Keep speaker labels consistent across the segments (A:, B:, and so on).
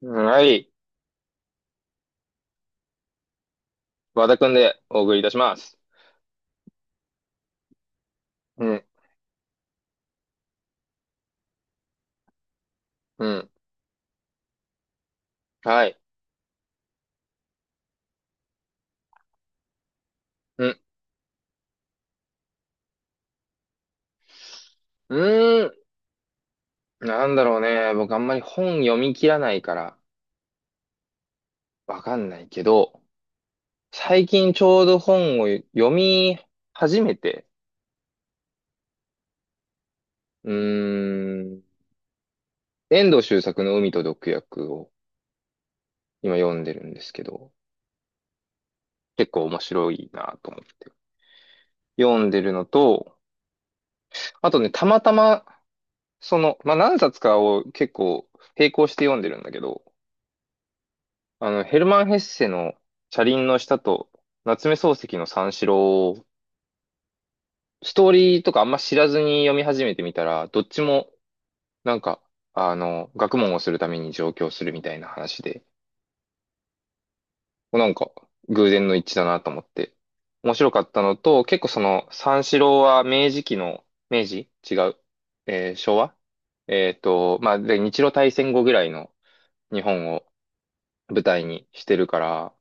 A: はい。和田くんでお送りいたします。うん、うん、はい。うん、うーん、なんだろうね。僕あんまり本読み切らないからわかんないけど、最近ちょうど本を読み始めて、うーん、遠藤周作の海と毒薬を今読んでるんですけど、結構面白いなと思って読んでるのと、あとね、たまたま、まあ、何冊かを結構並行して読んでるんだけど、ヘルマン・ヘッセの車輪の下と夏目漱石の三四郎を、ストーリーとかあんま知らずに読み始めてみたら、どっちも、なんか、学問をするために上京するみたいな話で、なんか、偶然の一致だなと思って、面白かったのと、結構三四郎は明治期の、明治違う。昭和まあ、で、日露大戦後ぐらいの日本を舞台にしてるから、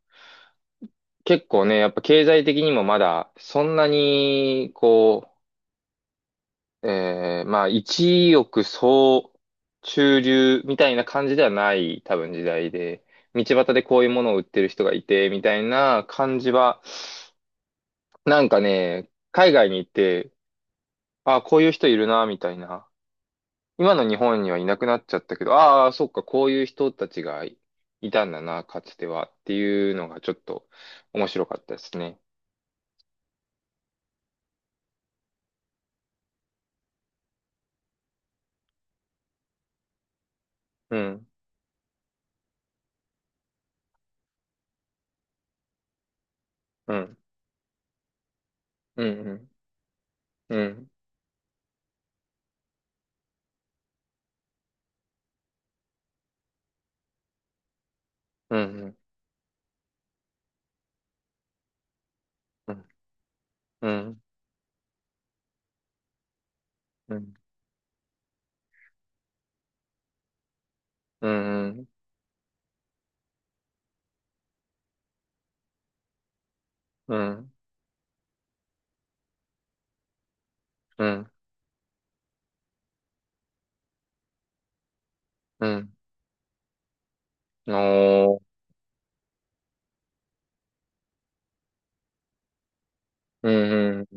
A: 結構ね、やっぱ経済的にもまだ、そんなに、まあ、一億総中流みたいな感じではない、多分時代で、道端でこういうものを売ってる人がいて、みたいな感じは、なんかね、海外に行って、ああ、こういう人いるな、みたいな。今の日本にはいなくなっちゃったけど、ああ、そっか、こういう人たちがいたんだな、かつては、っていうのがちょっと面白かったですね。うん、うん、うん、うん。うん、うん、うん、うん、うん、うん、うん、うん、うん、うんおー、うん、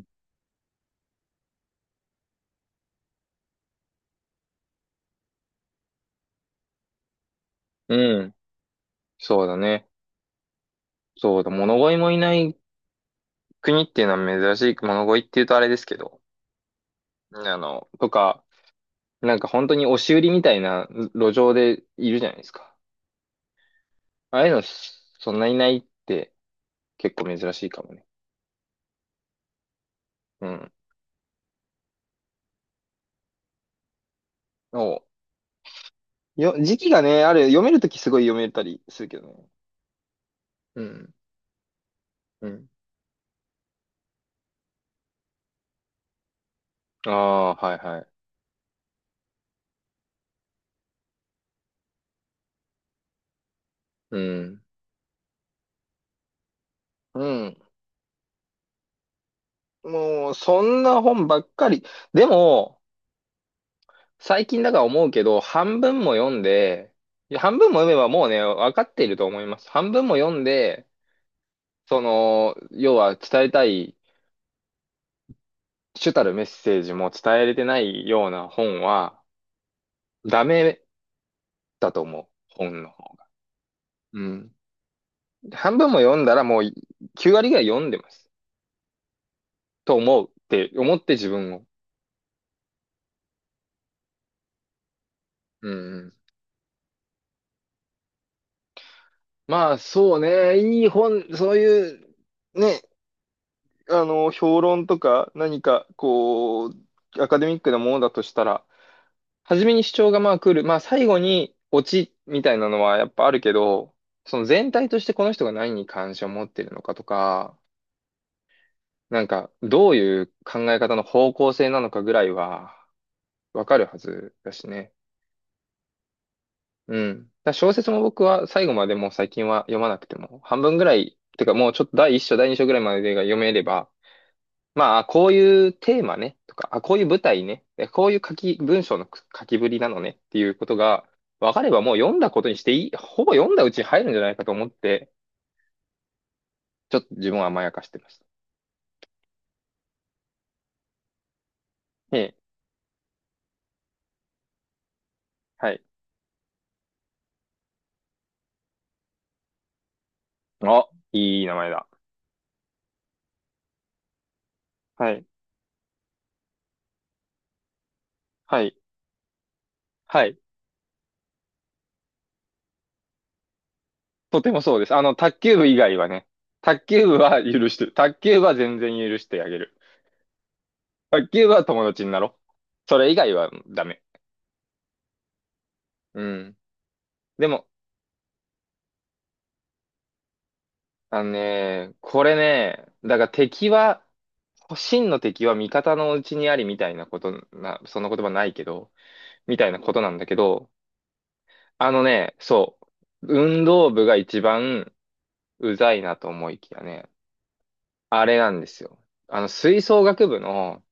A: うん、うん、そうだね。そうだ、物乞いもいない国っていうのは珍しい、物乞いって言うとあれですけど、とか、なんか本当に押し売りみたいな路上でいるじゃないですか。ああいうの、そんないないって結構珍しいかもね。うん。お時期がね、ある、読めるときすごい読めたりするけどね。うん、うん。ああ、はいはい。うん。うん。もう、そんな本ばっかり。でも、最近だから思うけど、半分も読んで、いや半分も読めばもうね、分かっていると思います。半分も読んで、要は伝えたい、主たるメッセージも伝えれてないような本は、ダメだと思う。本の方が。うん。半分も読んだらもう、9割ぐらい読んでます。と思うって思って自分を。うんうん。まあ、そうね。いい本、そういう、ね、評論とか何か、アカデミックなものだとしたら、初めに主張がまあ来る。まあ最後にオチみたいなのはやっぱあるけど、その全体としてこの人が何に関心を持っているのかとか、なんかどういう考え方の方向性なのかぐらいはわかるはずだしね。うん。だから小説も僕は最後までもう最近は読まなくても、半分ぐらい、てかもうちょっと第一章、第二章ぐらいまでが読めれば、まあ、こういうテーマね、とか、あ、こういう舞台ね、えこういう書き、文章の書きぶりなのねっていうことが分かればもう読んだことにしていい、ほぼ読んだうちに入るんじゃないかと思って、ちょっと自分は甘やかしてました。ええ、はい。あ、いい名前だ。はい。はい。はい。とてもそうです。卓球部以外はね、卓球部は許してる。卓球部は全然許してあげる。卓球部は友達になろう。それ以外はダメ。うん。でも、あのね、これね、だから敵は、真の敵は味方のうちにありみたいなことな、そんな言葉ないけど、みたいなことなんだけど、あのね、そう、運動部が一番うざいなと思いきやね、あれなんですよ。吹奏楽部の、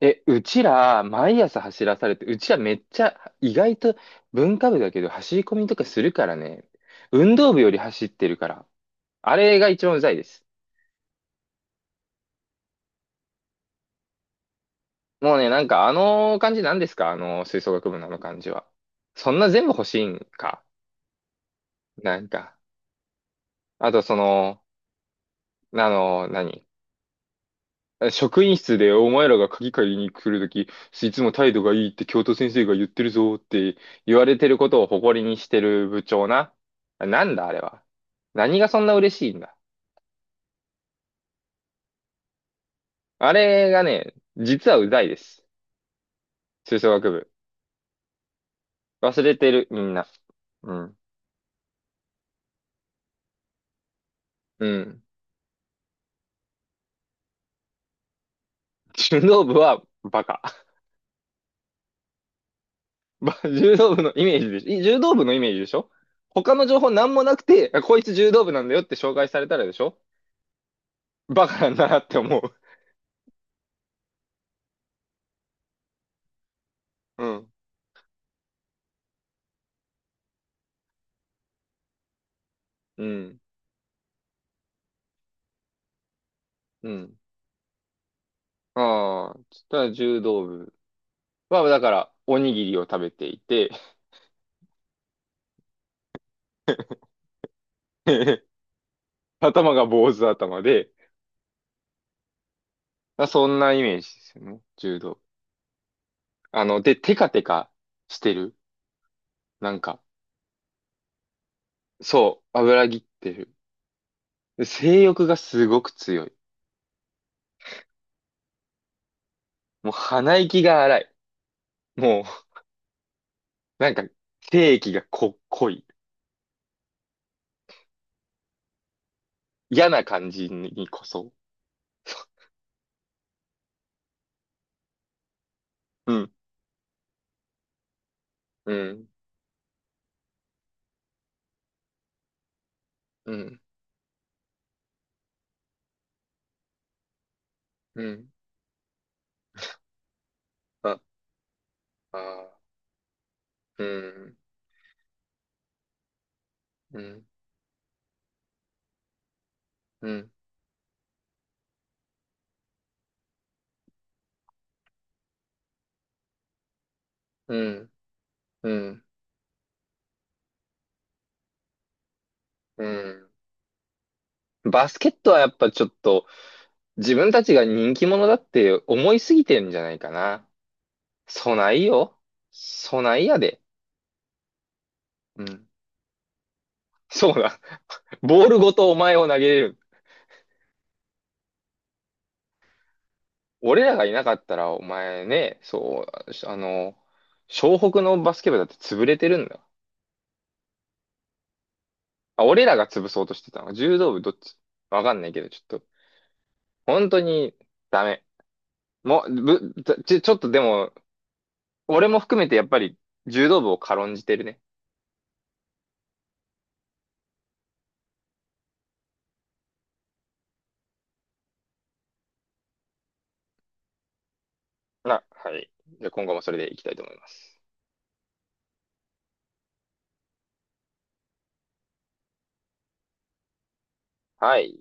A: うちら、毎朝走らされて、うちらめっちゃ、意外と文化部だけど、走り込みとかするからね、運動部より走ってるから、あれが一番うざいです。もうね、なんかあの感じなんですか、あの吹奏楽部のあの感じは。そんな全部欲しいんか、なんか。あとあの、何職員室でお前らが鍵借りに来るとき、いつも態度がいいって教頭先生が言ってるぞって言われてることを誇りにしてる部長な。なんだあれは。何がそんな嬉しいんだ。あれがね、実はうざいです。吹奏楽部。忘れてる、みんな。うん。うん。柔道部はバカ。ば柔道部のイメージでしょい柔道部のイメージでしょ。他の情報なんもなくて、あこいつ柔道部なんだよって紹介されたらでしょ、バカなんだなって思う。うん。うん。うん。ああ、そしたら柔道部は、だから、おにぎりを食べていて 頭が坊主頭で、あそんなイメージですよね。柔道部。で、テカテカしてる。なんか、そう、油ぎってる。で性欲がすごく強い。もう鼻息が荒い。もうなんか、定義が濃い。嫌な感じにこそ。うん、うん、うん、うん。あ、あうん、うん、うん、うん、うん、うん。バスケットはやっぱちょっと、自分たちが人気者だって思いすぎてんじゃないかな。そないよ。そないやで。うん。そうだ。ボールごとお前を投げれる。俺らがいなかったら、お前ね、そう、湘北のバスケ部だって潰れてるんだ。あ、俺らが潰そうとしてたの。柔道部どっちわかんないけど、ちょっと、本当にダメ。もう、ぶ、ちょ、ちょちょっとでも、俺も含めてやっぱり柔道部を軽んじてるね。はい。じゃあ今後もそれでいきたいと思います。はい。